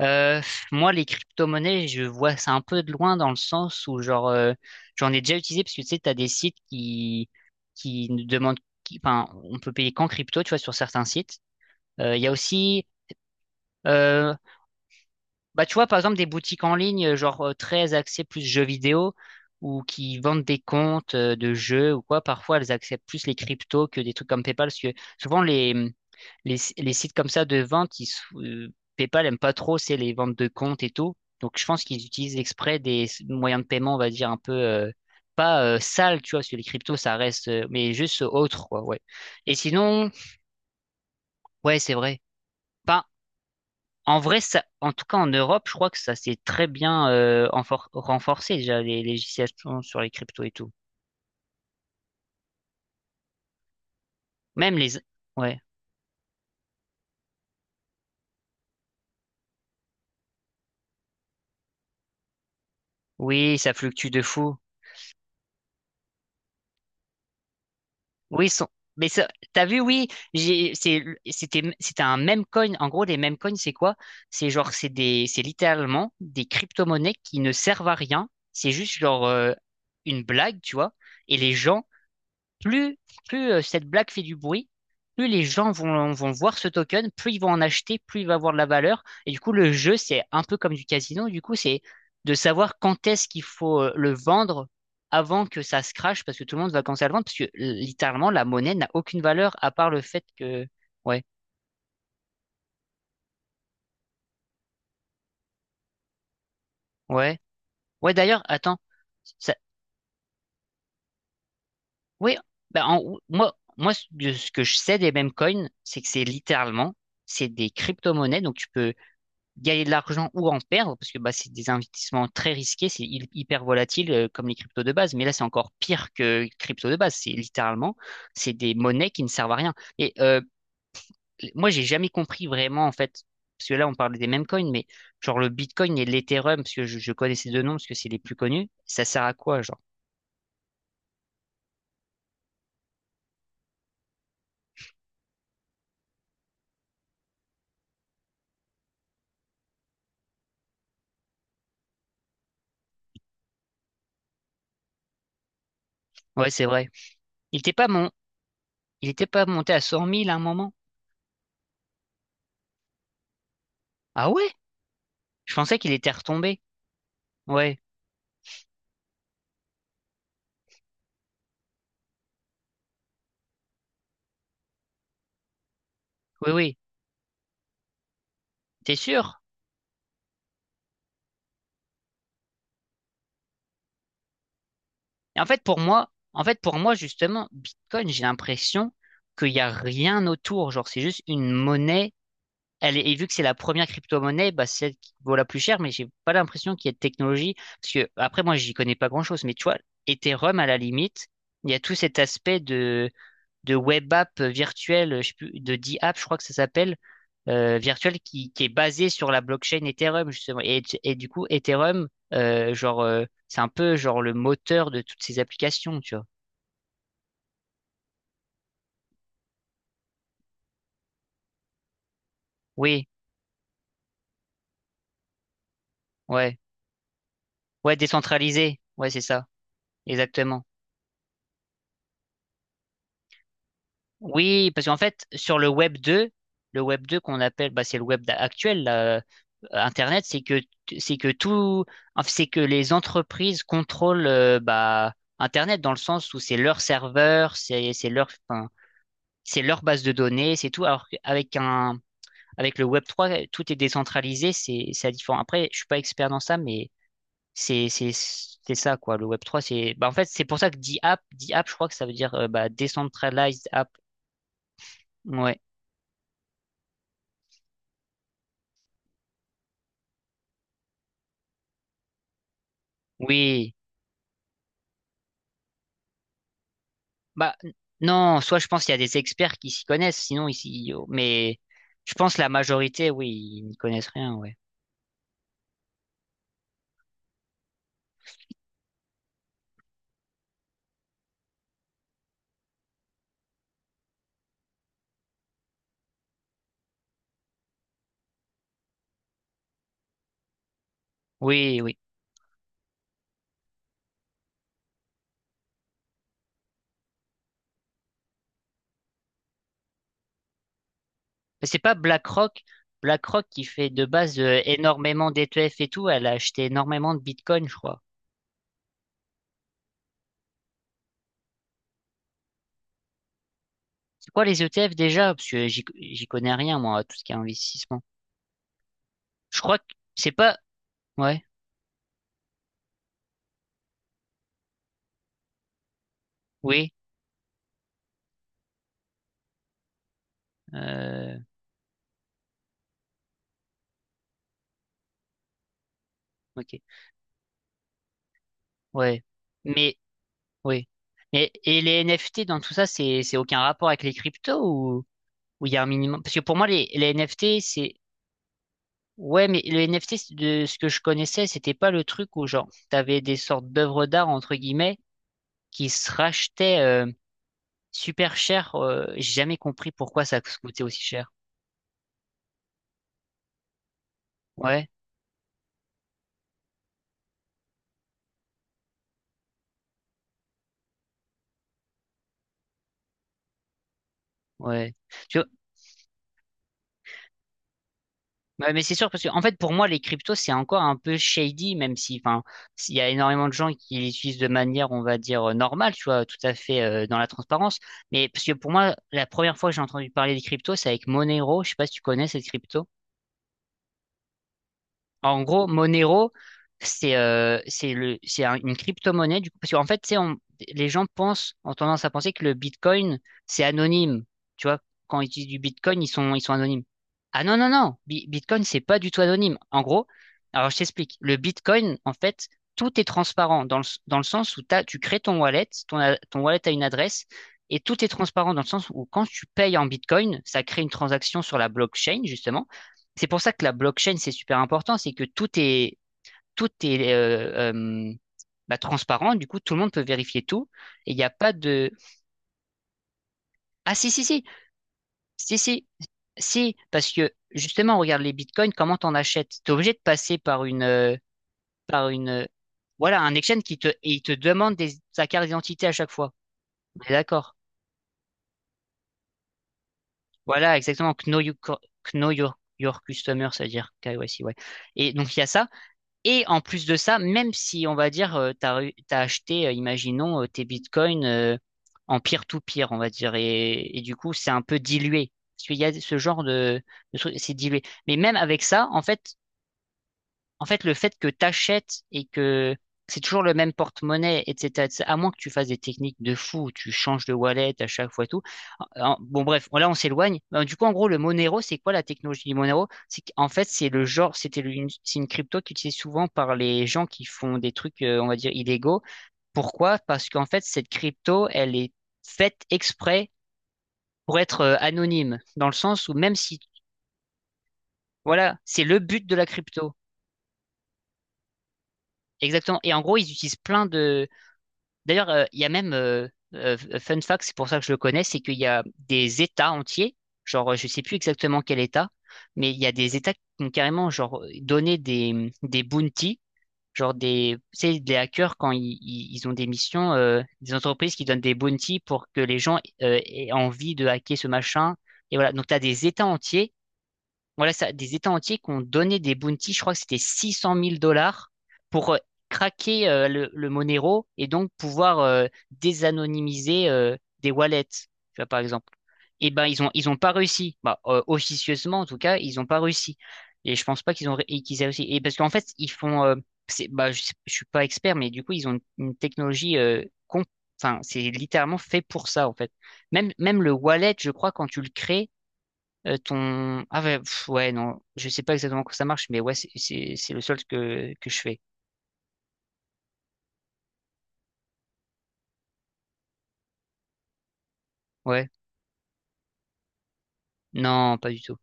Euh, Moi, les crypto-monnaies, je vois ça un peu de loin dans le sens où, genre, j'en ai déjà utilisé parce que tu sais, t'as des sites qui nous demandent, enfin, on peut payer qu'en crypto, tu vois, sur certains sites. Il y a aussi, euh, bah, tu vois, par exemple, des boutiques en ligne, genre très axées plus jeux vidéo, ou qui vendent des comptes, de jeux ou quoi, parfois elles acceptent plus les cryptos que des trucs comme PayPal, parce que souvent les, mm, les, si-, les sites comme ça de vente, PayPal aime pas trop, c'est les ventes de comptes et tout. Donc je pense qu'ils utilisent exprès des moyens de paiement, on va dire, un peu, pas sales, tu vois, parce que les cryptos, ça reste, mais juste autre, quoi, ouais. Et sinon, ouais, c'est vrai. En vrai, ça, en tout cas en Europe, je crois que ça s'est très bien, renforcé déjà les législations sur les cryptos et tout. Même les, ouais, oui, ça fluctue de fou. Oui, ils sont, mais ça, t'as vu, oui, j'ai, c'est, c'était un meme coin. En gros, les meme coins, c'est quoi? C'est genre, c'est littéralement des crypto-monnaies qui ne servent à rien. C'est juste genre, une blague, tu vois. Et les gens... Plus, plus cette blague fait du bruit, plus les gens vont voir ce token, plus ils vont en acheter, plus il va avoir de la valeur. Et du coup, le jeu, c'est un peu comme du casino. Du coup, c'est de savoir quand est-ce qu'il faut, le vendre avant que ça se crache, parce que tout le monde va commencer à le vendre, parce que, littéralement, la monnaie n'a aucune valeur à part le fait que... Ouais, ouais. Ouais, d'ailleurs, attends. Ça... Oui, bah, moi, ce que je sais des meme coins, c'est que c'est littéralement, c'est des crypto-monnaies, donc tu peux gagner de l'argent ou en perdre, parce que bah, c'est des investissements très risqués, c'est hyper volatile, comme les cryptos de base, mais là c'est encore pire que les cryptos de base, c'est littéralement, c'est des monnaies qui ne servent à rien. Et moi j'ai jamais compris vraiment en fait, parce que là on parle des mêmes coins, mais genre le Bitcoin et l'Ethereum, parce que je connais ces deux noms, parce que c'est les plus connus, ça sert à quoi genre? Ouais, c'est vrai. Il était pas mon... Il était pas monté à 100 000 à un moment. Ah ouais? Je pensais qu'il était retombé. Ouais, oui, oui. T'es sûr? Et en fait, pour moi, justement, Bitcoin, j'ai l'impression qu'il n'y a rien autour. Genre, c'est juste une monnaie. Et vu que c'est la première crypto-monnaie, bah, c'est celle qui vaut la plus chère, mais j'ai pas l'impression qu'il y ait de technologie. Parce que, après, moi, j'y connais pas grand-chose, mais tu vois, Ethereum, à la limite, il y a tout cet aspect de web app virtuelle, je sais plus, de D-App, je crois que ça s'appelle, virtuelle qui est basée sur la blockchain Ethereum, justement. Et du coup, Ethereum, genre, c'est un peu genre le moteur de toutes ces applications, tu vois. Oui, ouais, ouais, décentralisé, ouais, c'est ça, exactement. Oui, parce qu'en fait, sur le Web 2 qu'on appelle, bah, c'est le Web actuel, là, Internet, c'est que c'est que tout, en fait, c'est que les entreprises contrôlent, bah, Internet dans le sens où c'est leur serveur, c'est leur, enfin, c'est leur base de données, c'est tout. Alors qu'avec le Web trois, tout est décentralisé, c'est différent. Après, je suis pas expert dans ça, mais c'est ça quoi. Le Web trois, c'est, bah, en fait, c'est pour ça que DApp, je crois que ça veut dire, bah, decentralized app. Ouais. Oui. Bah, non, soit je pense qu'il y a des experts qui s'y connaissent, sinon ici, mais je pense la majorité, oui, ils n'y connaissent rien, ouais. Oui, oui. Mais c'est pas BlackRock. BlackRock qui fait de base, énormément d'ETF et tout, elle a acheté énormément de Bitcoin, je crois. C'est quoi les ETF déjà? Parce que j'y connais rien, moi, à tout ce qui est investissement. Je crois que c'est pas, ouais, oui, euh, ok, ouais. Mais, oui. Et les NFT dans tout ça, c'est aucun rapport avec les cryptos ou? Où il y a un minimum. Parce que pour moi, les NFT, c'est. Ouais, mais le NFT, c'est de ce que je connaissais, c'était pas le truc où, genre, t'avais des sortes d'œuvres d'art, entre guillemets, qui se rachetaient, super cher. J'ai jamais compris pourquoi ça coûtait aussi cher. Ouais, ouais. Tu vois, ouais, mais c'est sûr, parce que, en fait, pour moi, les cryptos, c'est encore un peu shady, même si, enfin, s'il y a énormément de gens qui les utilisent de manière, on va dire, normale, tu vois, tout à fait, dans la transparence. Mais parce que pour moi, la première fois que j'ai entendu parler des cryptos, c'est avec Monero. Je sais pas si tu connais cette crypto. En gros, Monero, c'est une crypto-monnaie, du coup, parce qu'en fait, tu sais, les gens pensent, ont tendance à penser que le Bitcoin, c'est anonyme. Tu vois, quand ils utilisent du Bitcoin, ils sont anonymes. Ah non, non, non, Bitcoin, c'est pas du tout anonyme. En gros, alors je t'explique, le Bitcoin, en fait, tout est transparent dans le sens où t'as, tu crées ton wallet, ton wallet a une adresse, et tout est transparent dans le sens où quand tu payes en Bitcoin, ça crée une transaction sur la blockchain, justement. C'est pour ça que la blockchain, c'est super important, c'est que tout est, bah, transparent, du coup, tout le monde peut vérifier tout, et il n'y a pas de... Ah si, si, si, si, si, si, parce que justement, regarde les bitcoins, comment t'en achètes? T'es obligé de passer par une voilà, un exchange et il te demande sa carte d'identité à chaque fois. On est d'accord. Voilà, exactement, Know Your Customer, c'est-à-dire KYC, ouais. Et donc, il y a ça. Et en plus de ça, même si on va dire, t'as acheté, imaginons, tes bitcoins, en peer-to-peer, on va dire, et du coup, c'est un peu dilué. Parce qu'il y a ce genre de truc, c'est dilué. Mais même avec ça, en fait, le fait que t'achètes et que c'est toujours le même porte-monnaie, etc., etc., à moins que tu fasses des techniques de fou, où tu changes de wallet à chaque fois et tout. Bon, bref, là, on s'éloigne. Du coup, en gros, le Monero, c'est quoi la technologie du Monero? C'est qu'en fait, c'est le genre, c'était le- une, c'est une crypto qui utilisée souvent par les gens qui font des trucs, on va dire, illégaux. Pourquoi? Parce qu'en fait, cette crypto, elle est faite exprès pour être, anonyme, dans le sens où même si, voilà, c'est le but de la crypto. Exactement. Et en gros, ils utilisent plein de... D'ailleurs, il y a même, fun fact, c'est pour ça que je le connais, c'est qu'il y a des États entiers, genre, je sais plus exactement quel État, mais il y a des États qui ont carrément genre, donné des bounties, genre des, tu sais, des hackers quand ils ont des missions, des entreprises qui donnent des bounties pour que les gens aient envie de hacker ce machin. Et voilà, donc tu as des États entiers voilà ça, des États entiers qui ont donné des bounties, je crois que c'était 600 000 dollars pour craquer, le Monero et donc pouvoir, désanonymiser, des wallets, tu vois, par exemple. Et ben ils ont pas réussi, bah, officieusement en tout cas, ils ont pas réussi. Et je pense pas et qu'ils aient réussi. Et parce qu'en fait ils font, c'est, bah je, sais- je suis pas expert, mais du coup ils ont une technologie, enfin, c'est littéralement fait pour ça, en fait. Même le wallet, je crois, quand tu le crées, ton... Ah ouais, pff, ouais, non. Je sais pas exactement comment ça marche, mais ouais, c'est le solde que je fais. Ouais. Non, pas du tout.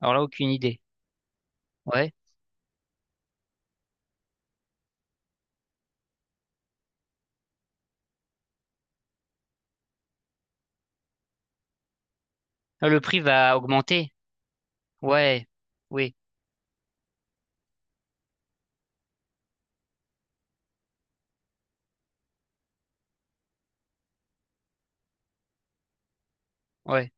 Alors là, aucune idée. Ouais. Ah, le prix va augmenter. Ouais. Oui. Ouais.